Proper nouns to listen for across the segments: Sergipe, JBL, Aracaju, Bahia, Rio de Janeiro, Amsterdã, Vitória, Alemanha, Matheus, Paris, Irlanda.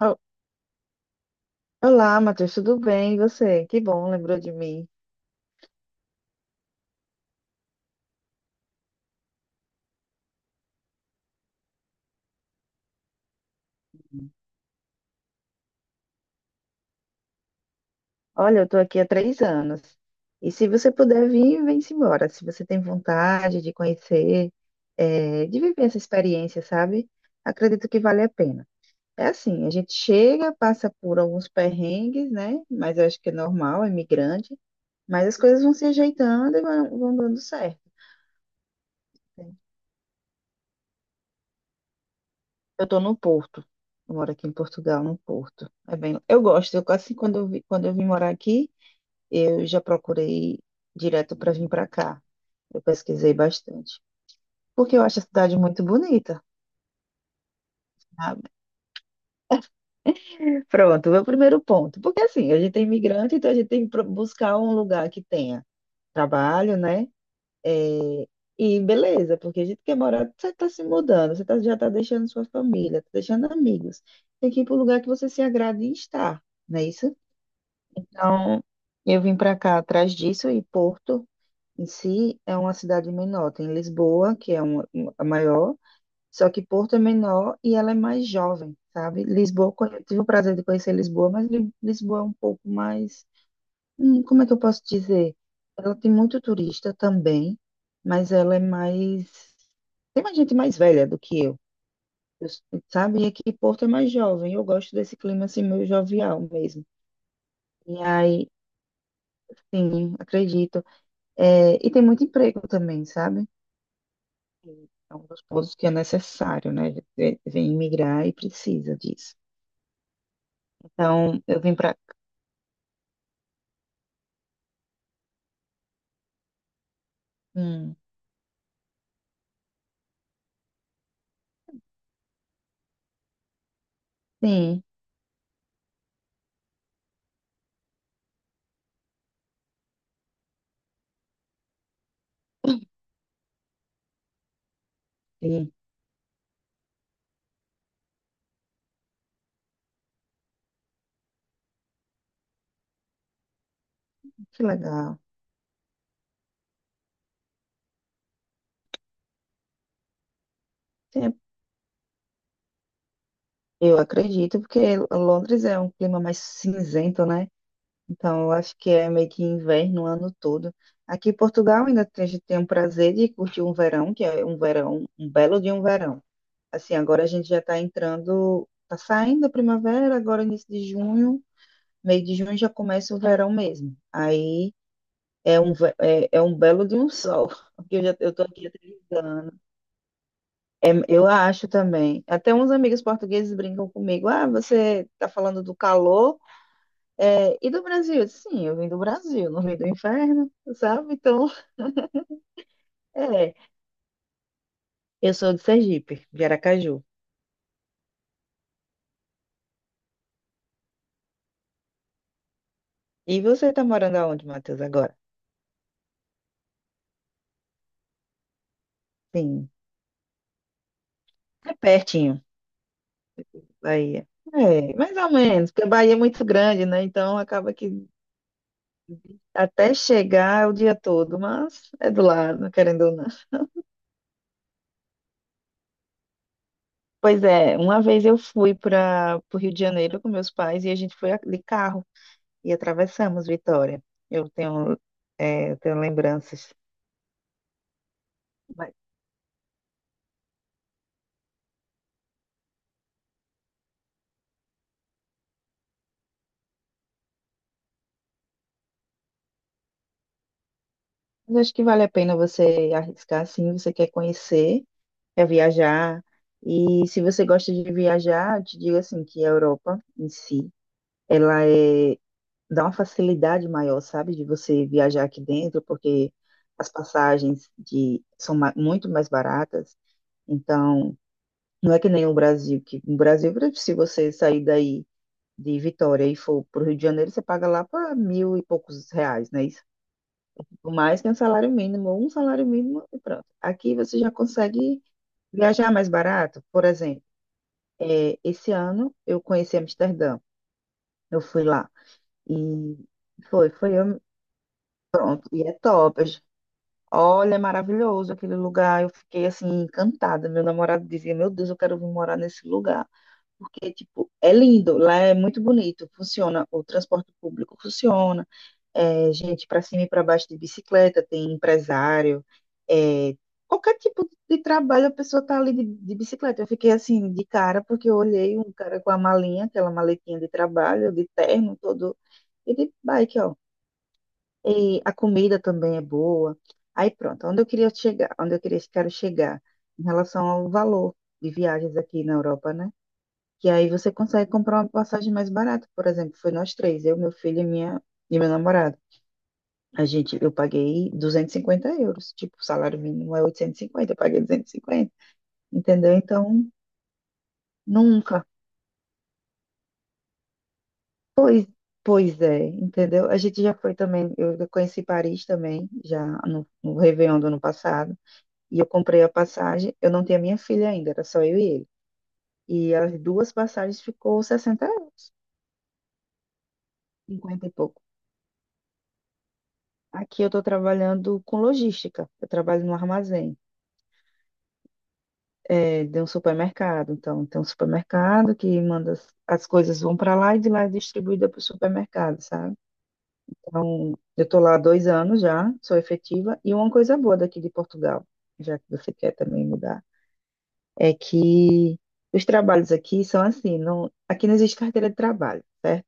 Ol- Olá, Matheus, tudo bem? E você? Que bom, lembrou de mim. Olha, eu estou aqui há 3 anos. E se você puder vir, vem-se embora. Se você tem vontade de conhecer, de viver essa experiência, sabe? Acredito que vale a pena. É assim, a gente chega, passa por alguns perrengues, né? Mas eu acho que é normal, é migrante. Mas as coisas vão se ajeitando e vão dando certo. Eu estou no Porto. Eu moro aqui em Portugal, no Porto. É bem, eu gosto. Eu quase quando eu vim morar aqui. Eu já procurei direto para vir para cá. Eu pesquisei bastante. Porque eu acho a cidade muito bonita, sabe? Pronto, meu primeiro ponto. Porque assim, a gente é imigrante, então a gente tem que buscar um lugar que tenha trabalho, né? É, e beleza, porque a gente quer morar, você está se mudando, já está deixando sua família, está deixando amigos. Tem que ir para um lugar que você se agrade em estar, não é isso? Então, eu vim para cá atrás disso. E Porto em si é uma cidade menor. Tem Lisboa, que é a maior, só que Porto é menor e ela é mais jovem, sabe? Eu tive o prazer de conhecer Lisboa, mas Lisboa é um pouco mais. Como é que eu posso dizer? Ela tem muito turista também, mas ela é mais. Tem mais gente mais velha do que eu. Eu s- sabe? E aqui Porto é mais jovem. Eu gosto desse clima assim, meio jovial mesmo. E aí, sim, acredito. É, e tem muito emprego também, sabe? É um dos pontos que é necessário, né? Vem migrar e precisa disso. Então, eu vim para. Hum, sim, sim, que legal. Sim, eu acredito, porque Londres é um clima mais cinzento, né? Então, eu acho que é meio que inverno o ano todo. Aqui em Portugal ainda tem- a gente tem o prazer de curtir um verão, que é um verão, um belo de um verão. Assim, agora a gente já está entrando, está saindo a primavera, agora início de junho, meio de junho já começa o verão mesmo. Aí. É é um belo de um sol, porque eu tô aqui há. É, eu acho também. Até uns amigos portugueses brincam comigo. Ah, você tá falando do calor e do Brasil? Eu disse, sim, eu vim do Brasil, não vim do inferno, sabe? Então, é. Eu sou de Sergipe, de Aracaju. E você tá morando aonde, Matheus, agora? Sim, é pertinho, Bahia. É, mais ou menos, porque a Bahia é muito grande, né? Então acaba que até chegar é o dia todo, mas é do lado, querendo ou não. Pois é, uma vez eu fui para o Rio de Janeiro com meus pais e a gente de carro e atravessamos Vitória. Eu tenho, eu tenho lembranças. Mas eu acho que vale a pena você arriscar, sim, você quer conhecer, quer viajar. E se você gosta de viajar, eu te digo assim que a Europa em si, ela é, dá uma facilidade maior, sabe, de você viajar aqui dentro, porque as passagens muito mais baratas. Então, não é que nem o Brasil, que no Brasil, se você sair daí de Vitória e for para o Rio de Janeiro, você paga lá para mil e poucos reais, né? Isso, mais que um salário mínimo e pronto. Aqui você já consegue viajar mais barato. Por exemplo, esse ano eu conheci Amsterdã, eu fui lá e foi, foi, eu- e é top. Olha, é maravilhoso aquele lugar. Eu fiquei assim encantada. Meu namorado dizia: meu Deus, eu quero vir morar nesse lugar. Porque, tipo, é lindo, lá é muito bonito, funciona, o transporte público funciona, gente para cima e para baixo de bicicleta, tem empresário, é, qualquer tipo de trabalho a pessoa tá ali de bicicleta. Eu fiquei assim, de cara, porque eu olhei um cara com a malinha, aquela maletinha de trabalho, de terno todo, e de bike, ó. E a comida também é boa. Aí pronto, onde eu queria chegar, quero chegar em relação ao valor de viagens aqui na Europa, né? E aí você consegue comprar uma passagem mais barata, por exemplo, foi nós três, eu, meu filho e meu namorado. A gente, eu paguei 250 euros, tipo, o salário mínimo é 850, eu paguei 250, entendeu? Então, nunca. Pois é, entendeu? A gente já foi também, eu já conheci Paris também, já no Réveillon do ano passado, e eu comprei a passagem, eu não tinha minha filha ainda, era só eu e ele. E as duas passagens ficou 60 euros, 50 e pouco. Aqui eu estou trabalhando com logística, eu trabalho no armazém. É, de um supermercado. Então, tem um supermercado que manda as coisas vão para lá e de lá é distribuída para o supermercado, sabe? Então, eu estou lá há 2 anos já, sou efetiva, e uma coisa boa daqui de Portugal, já que você quer também mudar, é que os trabalhos aqui são assim, não, aqui não existe carteira de trabalho, certo?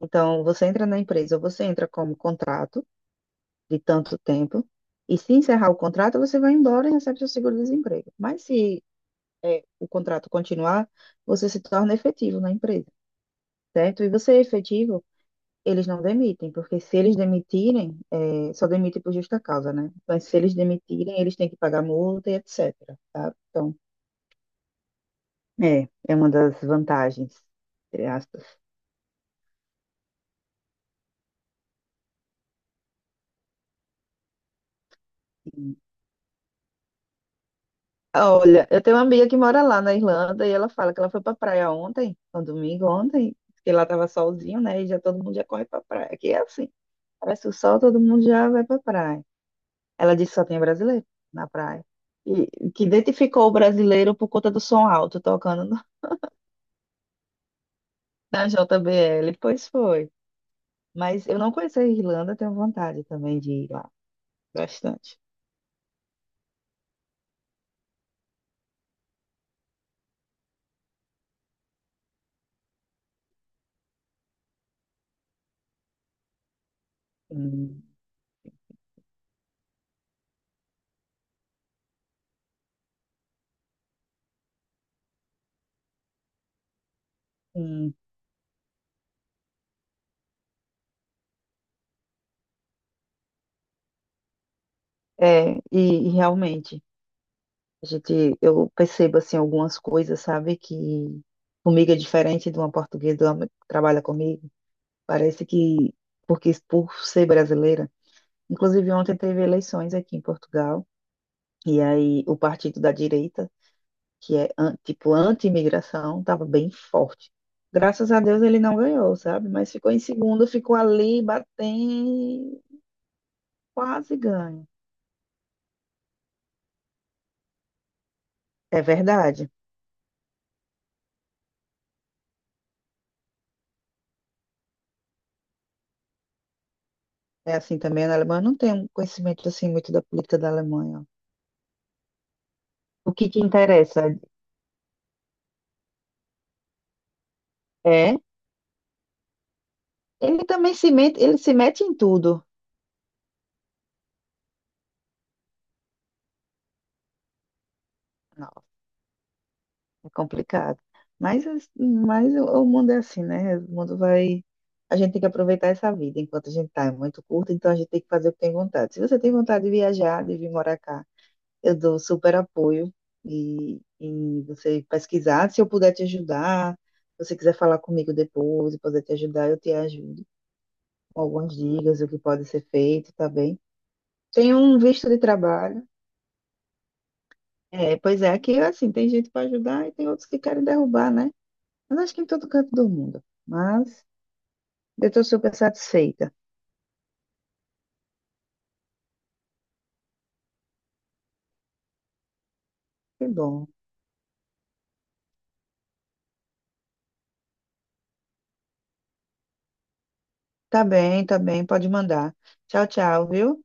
Então, você entra na empresa, você entra como contrato de tanto tempo, e se encerrar o contrato, você vai embora e recebe seu seguro-desemprego. Mas se é, o contrato continuar, você se torna efetivo na empresa, certo? E você é efetivo, eles não demitem, porque se eles demitirem, só demitem por justa causa, né? Mas se eles demitirem, eles têm que pagar multa e etc, tá? Então, é, é uma das vantagens, entre aspas. Olha, eu tenho uma amiga que mora lá na Irlanda e ela fala que ela foi pra praia ontem, no domingo ontem, porque lá tava solzinho, né? E já todo mundo já corre pra praia. Aqui é assim, parece o sol, todo mundo já vai pra praia. Ela disse que só tinha brasileiro na praia. E que identificou o brasileiro por conta do som alto tocando no- na JBL. Pois foi. Mas eu não conheço a Irlanda, tenho vontade também de ir lá. Bastante. Hum, hum. É, e realmente, a gente, eu percebo assim algumas coisas, sabe, que comigo é diferente de uma portuguesa de uma que trabalha comigo. Parece que, porque por ser brasileira, inclusive ontem teve eleições aqui em Portugal. E aí, o partido da direita que é tipo anti-imigração, estava bem forte. Graças a Deus ele não ganhou, sabe? Mas ficou em segundo, ficou ali batendo, quase ganha. É verdade. É assim também na Alemanha. Eu não tenho um conhecimento assim muito da política da Alemanha. O que que interessa é ele também se mete, ele se mete em tudo. É complicado. Mas, mas o mundo é assim, né? O mundo vai. A gente tem que aproveitar essa vida enquanto a gente está. É muito curta, então a gente tem que fazer o que tem vontade. Se você tem vontade de viajar, de vir morar cá, eu dou super apoio e você pesquisar. Se eu puder te ajudar, se você quiser falar comigo depois e poder te ajudar, eu te ajudo com algumas dicas, o que pode ser feito, tá bem? Tem um visto de trabalho. É, pois é, aqui assim, tem gente para ajudar e tem outros que querem derrubar, né? Mas acho que em todo canto do mundo. Mas eu estou super satisfeita. Que bom. Tá bem, tá bem. Pode mandar. Tchau, tchau, viu?